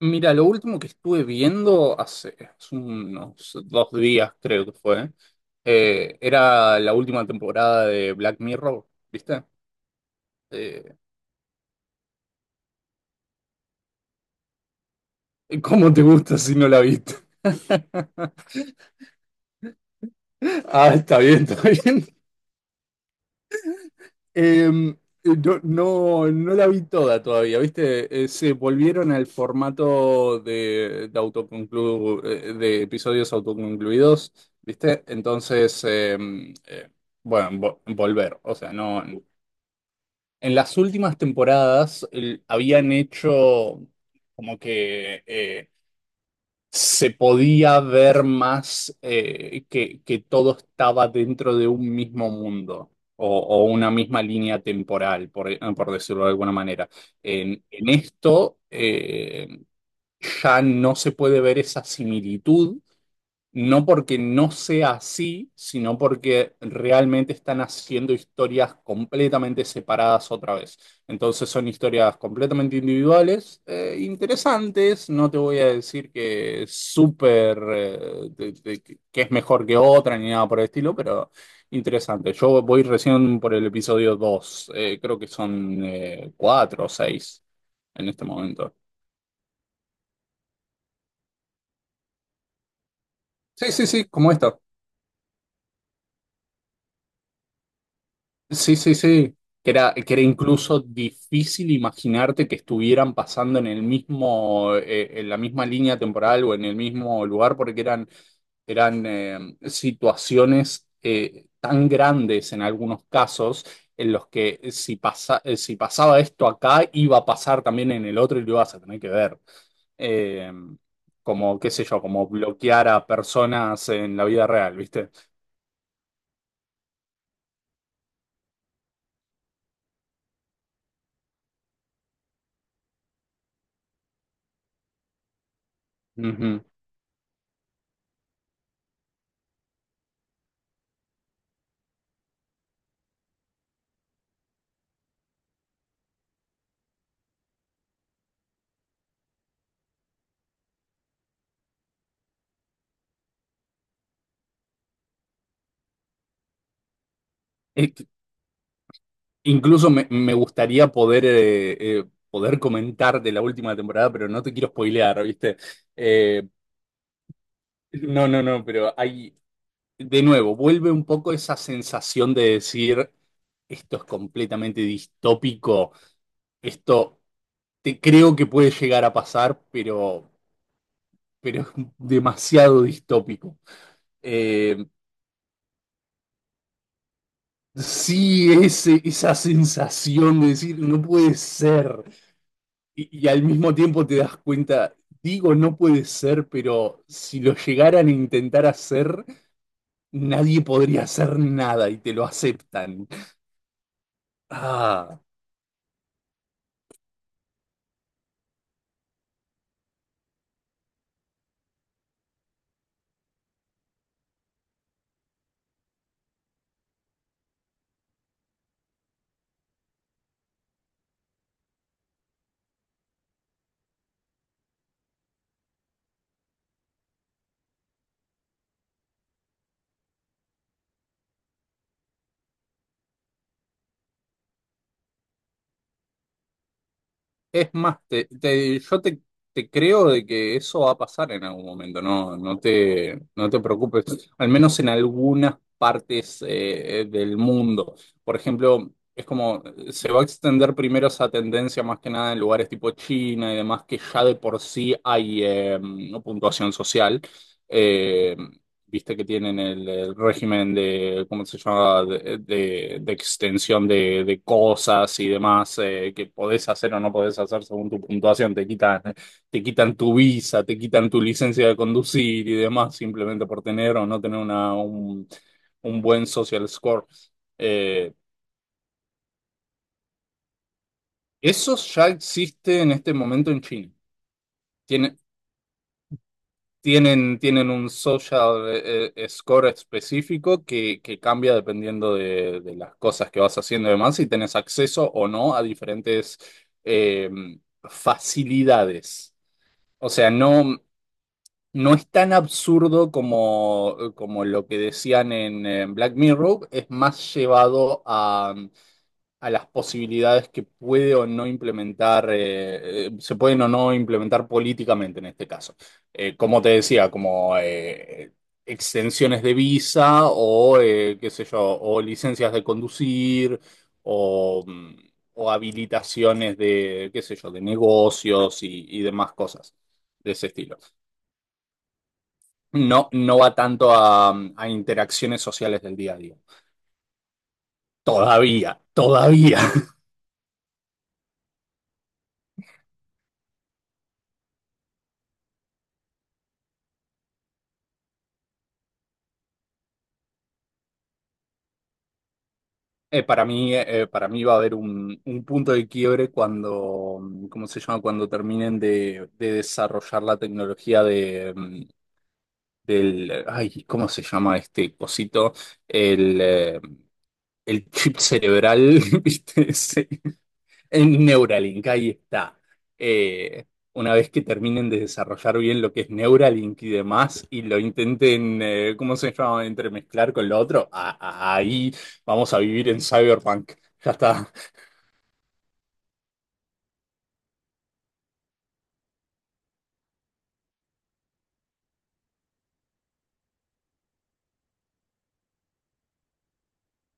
Mira, lo último que estuve viendo hace unos 2 días, creo que fue, era la última temporada de Black Mirror, ¿viste? Eh, ¿Cómo te gusta si no la viste? Ah, está bien, está bien. Em, no, no, no la vi toda todavía, ¿viste? Se volvieron al formato autoconclu- de episodios autoconcluidos, ¿viste? Entonces, bueno, volver. O sea, no. En las últimas temporadas habían hecho como que, se podía ver más que todo estaba dentro de un mismo mundo o una misma línea temporal, por decirlo de alguna manera. En esto ya no se puede ver esa similitud no porque no sea así, sino porque realmente están haciendo historias completamente separadas otra vez. Entonces son historias completamente individuales, interesantes. No te voy a decir que es súper, que es mejor que otra ni nada por el estilo, pero interesante. Yo voy recién por el episodio 2. Creo que son cuatro o seis en este momento. Sí, sí, sí, como esta. Sí, sí, sí. Que era incluso difícil imaginarte que estuvieran pasando en el mismo, en la misma línea temporal o en el mismo lugar, porque eran, eran situaciones tan grandes en algunos casos en los que si pasa, si pasaba esto acá, iba a pasar también en el otro y lo ibas a tener que ver. Eh, como, qué sé yo, como bloquear a personas en la vida real, ¿viste? Ujú. Eh, Incluso me, me gustaría poder, poder comentar de la última temporada, pero no te quiero spoilear, ¿viste? Eh, no, no, no, pero hay, de nuevo, vuelve un poco esa sensación de decir, esto es completamente distópico, esto te creo que puede llegar a pasar, pero es demasiado distópico. Eh, sí, ese, esa sensación de decir, no puede ser. Y al mismo tiempo te das cuenta, digo, no puede ser, pero si lo llegaran a intentar hacer, nadie podría hacer nada y te lo aceptan. Ah. Es más, yo te creo de que eso va a pasar en algún momento, no, no te preocupes, al menos en algunas partes del mundo. Por ejemplo, es como se va a extender primero esa tendencia más que nada en lugares tipo China y demás, que ya de por sí hay puntuación social. Eh, viste que tienen el régimen de, ¿cómo se llama?, de extensión de cosas y demás que podés hacer o no podés hacer según tu puntuación. Te quitan tu visa, te quitan tu licencia de conducir y demás simplemente por tener o no tener una, un buen social score. Eh, eso ya existe en este momento en China. Tiene- tienen un social score específico que cambia dependiendo de las cosas que vas haciendo y demás, si tenés acceso o no a diferentes eh, facilidades. O sea, no, no es tan absurdo como, como lo que decían en, Black Mirror, es más llevado a, las posibilidades que puede o no implementar, se pueden o no implementar políticamente en este caso. Como te decía, como extensiones de visa o, qué sé yo, o licencias de conducir o, mm, o habilitaciones de, qué sé yo, de negocios y demás cosas de ese estilo. No, no va tanto a interacciones sociales del día a día. Todavía, todavía. Para mí va a haber un punto de quiebre cuando, ¿cómo se llama? Cuando terminen de desarrollar la tecnología de, del, ay, ¿cómo se llama este cosito? El, eh, el chip cerebral, ¿viste? Ese. En Neuralink, ahí está. Eh, una vez que terminen de desarrollar bien lo que es Neuralink y demás, y lo intenten, ¿cómo se llama?, entremezclar con lo otro, ahí vamos a vivir en Cyberpunk. Ya está.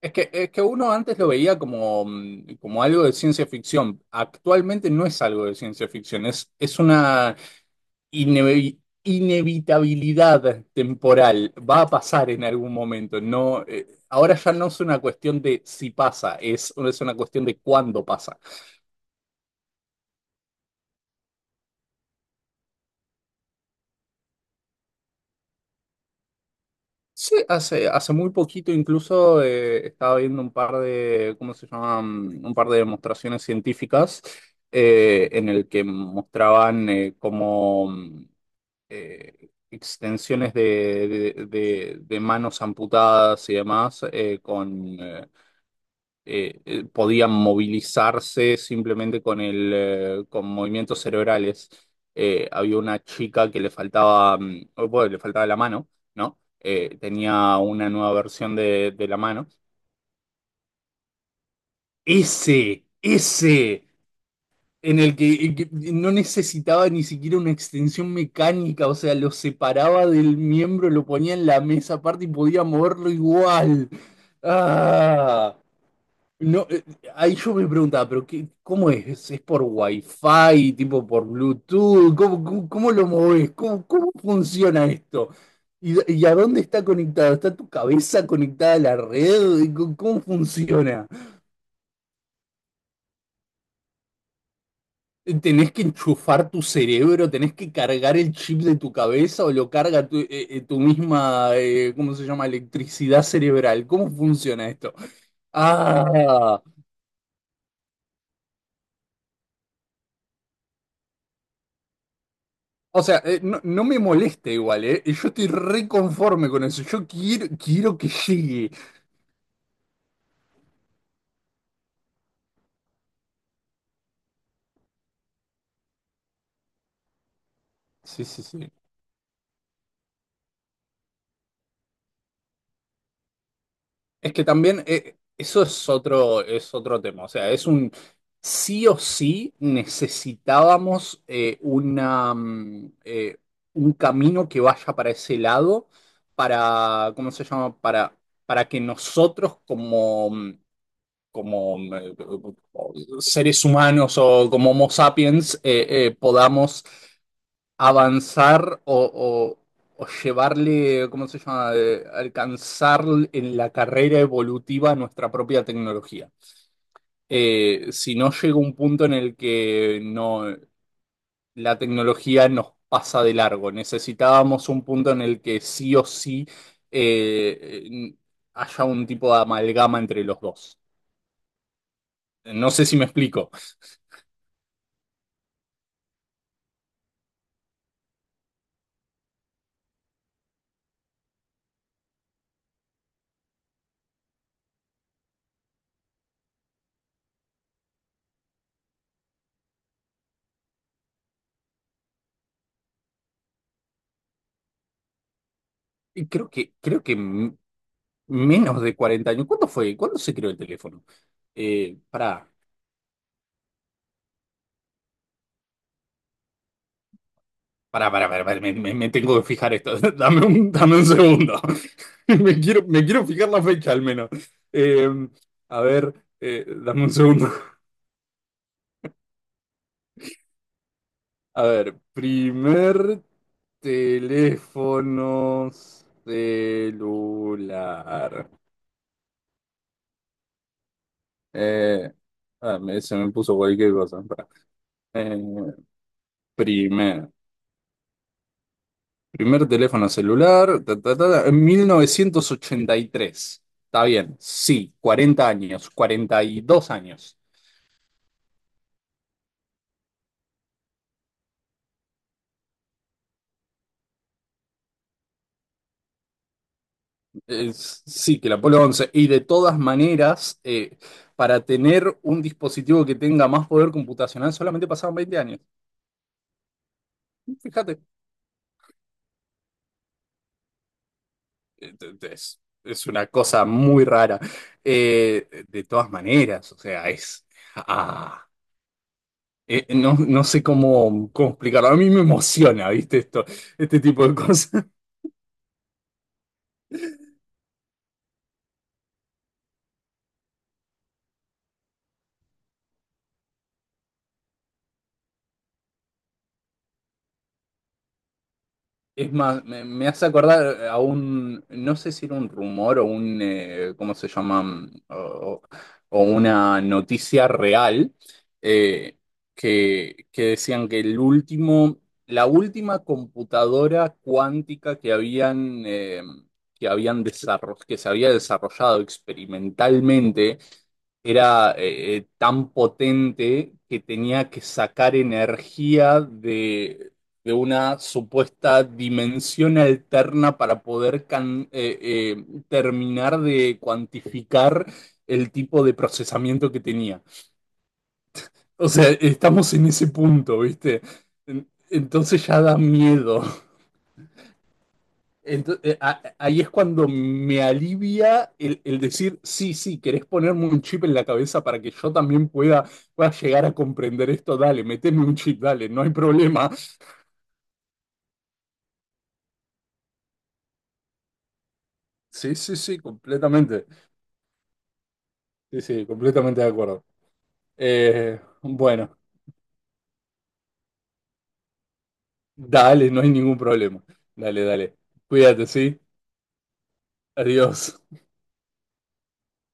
Es que uno antes lo veía como algo de ciencia ficción. Actualmente no es algo de ciencia ficción, es una inevi- inevitabilidad temporal. Va a pasar en algún momento. No, ahora ya no es una cuestión de si pasa, es una cuestión de cuándo pasa. Sí, hace muy poquito incluso estaba viendo un par de, ¿cómo se llaman? Un par de demostraciones científicas en el que mostraban extensiones de, de manos amputadas y demás podían movilizarse simplemente con movimientos cerebrales. Había una chica que le faltaba, oh, bueno, le faltaba la mano, ¿no? Tenía una nueva versión de la mano. Ese, ese. En el que, en que no necesitaba ni siquiera una extensión mecánica, o sea, lo separaba del miembro, lo ponía en la mesa aparte y podía moverlo igual. Ah, no, ahí yo me preguntaba, pero qué, ¿cómo es? ¿Es por Wi-Fi, tipo por Bluetooth? ¿Cómo lo movés? ¿Cómo funciona esto? ¿Y a dónde está conectado? ¿Está tu cabeza conectada a la red? ¿Cómo funciona? Tenés que enchufar tu cerebro, tenés que cargar el chip de tu cabeza o lo carga tu misma, ¿cómo se llama? Electricidad cerebral. ¿Cómo funciona esto? Ah, o sea, no, no me molesta igual, ¿eh? Yo estoy reconforme con eso. Yo quiero que llegue. Sí, sí, sí. Es que también eso es otro tema. O sea, es un sí o sí necesitábamos un camino que vaya para ese lado, para, ¿cómo se llama? Para que nosotros como mm, eh, seres humanos o como Homo sapiens podamos avanzar o llevarle, ¿cómo se llama?, alcanzar en la carrera evolutiva nuestra propia tecnología. Si no llega un punto en el que no, la tecnología nos pasa de largo, necesitábamos un punto en el que sí o sí eh, eh, haya un tipo de amalgama entre los dos. No sé si me explico. Y creo que menos de 40 años. ¿Cuándo fue? ¿Cuándo se creó el teléfono? Pará. Para Me, me tengo que fijar esto. Dame un segundo. Me quiero fijar la fecha al menos. Eh, a ver, dame un segundo. A ver, primer teléfono celular. Eh, ah, se me puso cualquier cosa. Pará. Eh, primer. Primer teléfono celular, ta, ta, ta, ta, en 1983. Está bien, sí, 40 años, 42 años. Sí, que el Apolo 11. Y de todas maneras, para tener un dispositivo que tenga más poder computacional, solamente pasaban 20 años. Fíjate, es una cosa muy rara. De todas maneras, o sea, ah, no, no sé cómo explicarlo. A mí me emociona, ¿viste? Esto, este tipo de cosas. Es más, me hace acordar a no sé si era un rumor o ¿cómo se llaman? O una noticia real, eh, que decían que el último, la última computadora cuántica que habían desarrollado, que se había desarrollado experimentalmente, era tan potente que tenía que sacar energía de una supuesta dimensión alterna para poder terminar de cuantificar el tipo de procesamiento que tenía. O sea, estamos en ese punto, ¿viste? Entonces ya da miedo. Ahí es cuando me alivia el decir, sí, sí, querés ponerme un chip en la cabeza para que yo también pueda, pueda llegar a comprender esto, dale, meteme un chip, dale, no hay problema. Sí, sí, sí, completamente. Sí, sí, completamente de acuerdo. Bueno, dale, no hay ningún problema. Dale, dale. Cuídate, ¿sí? Adiós.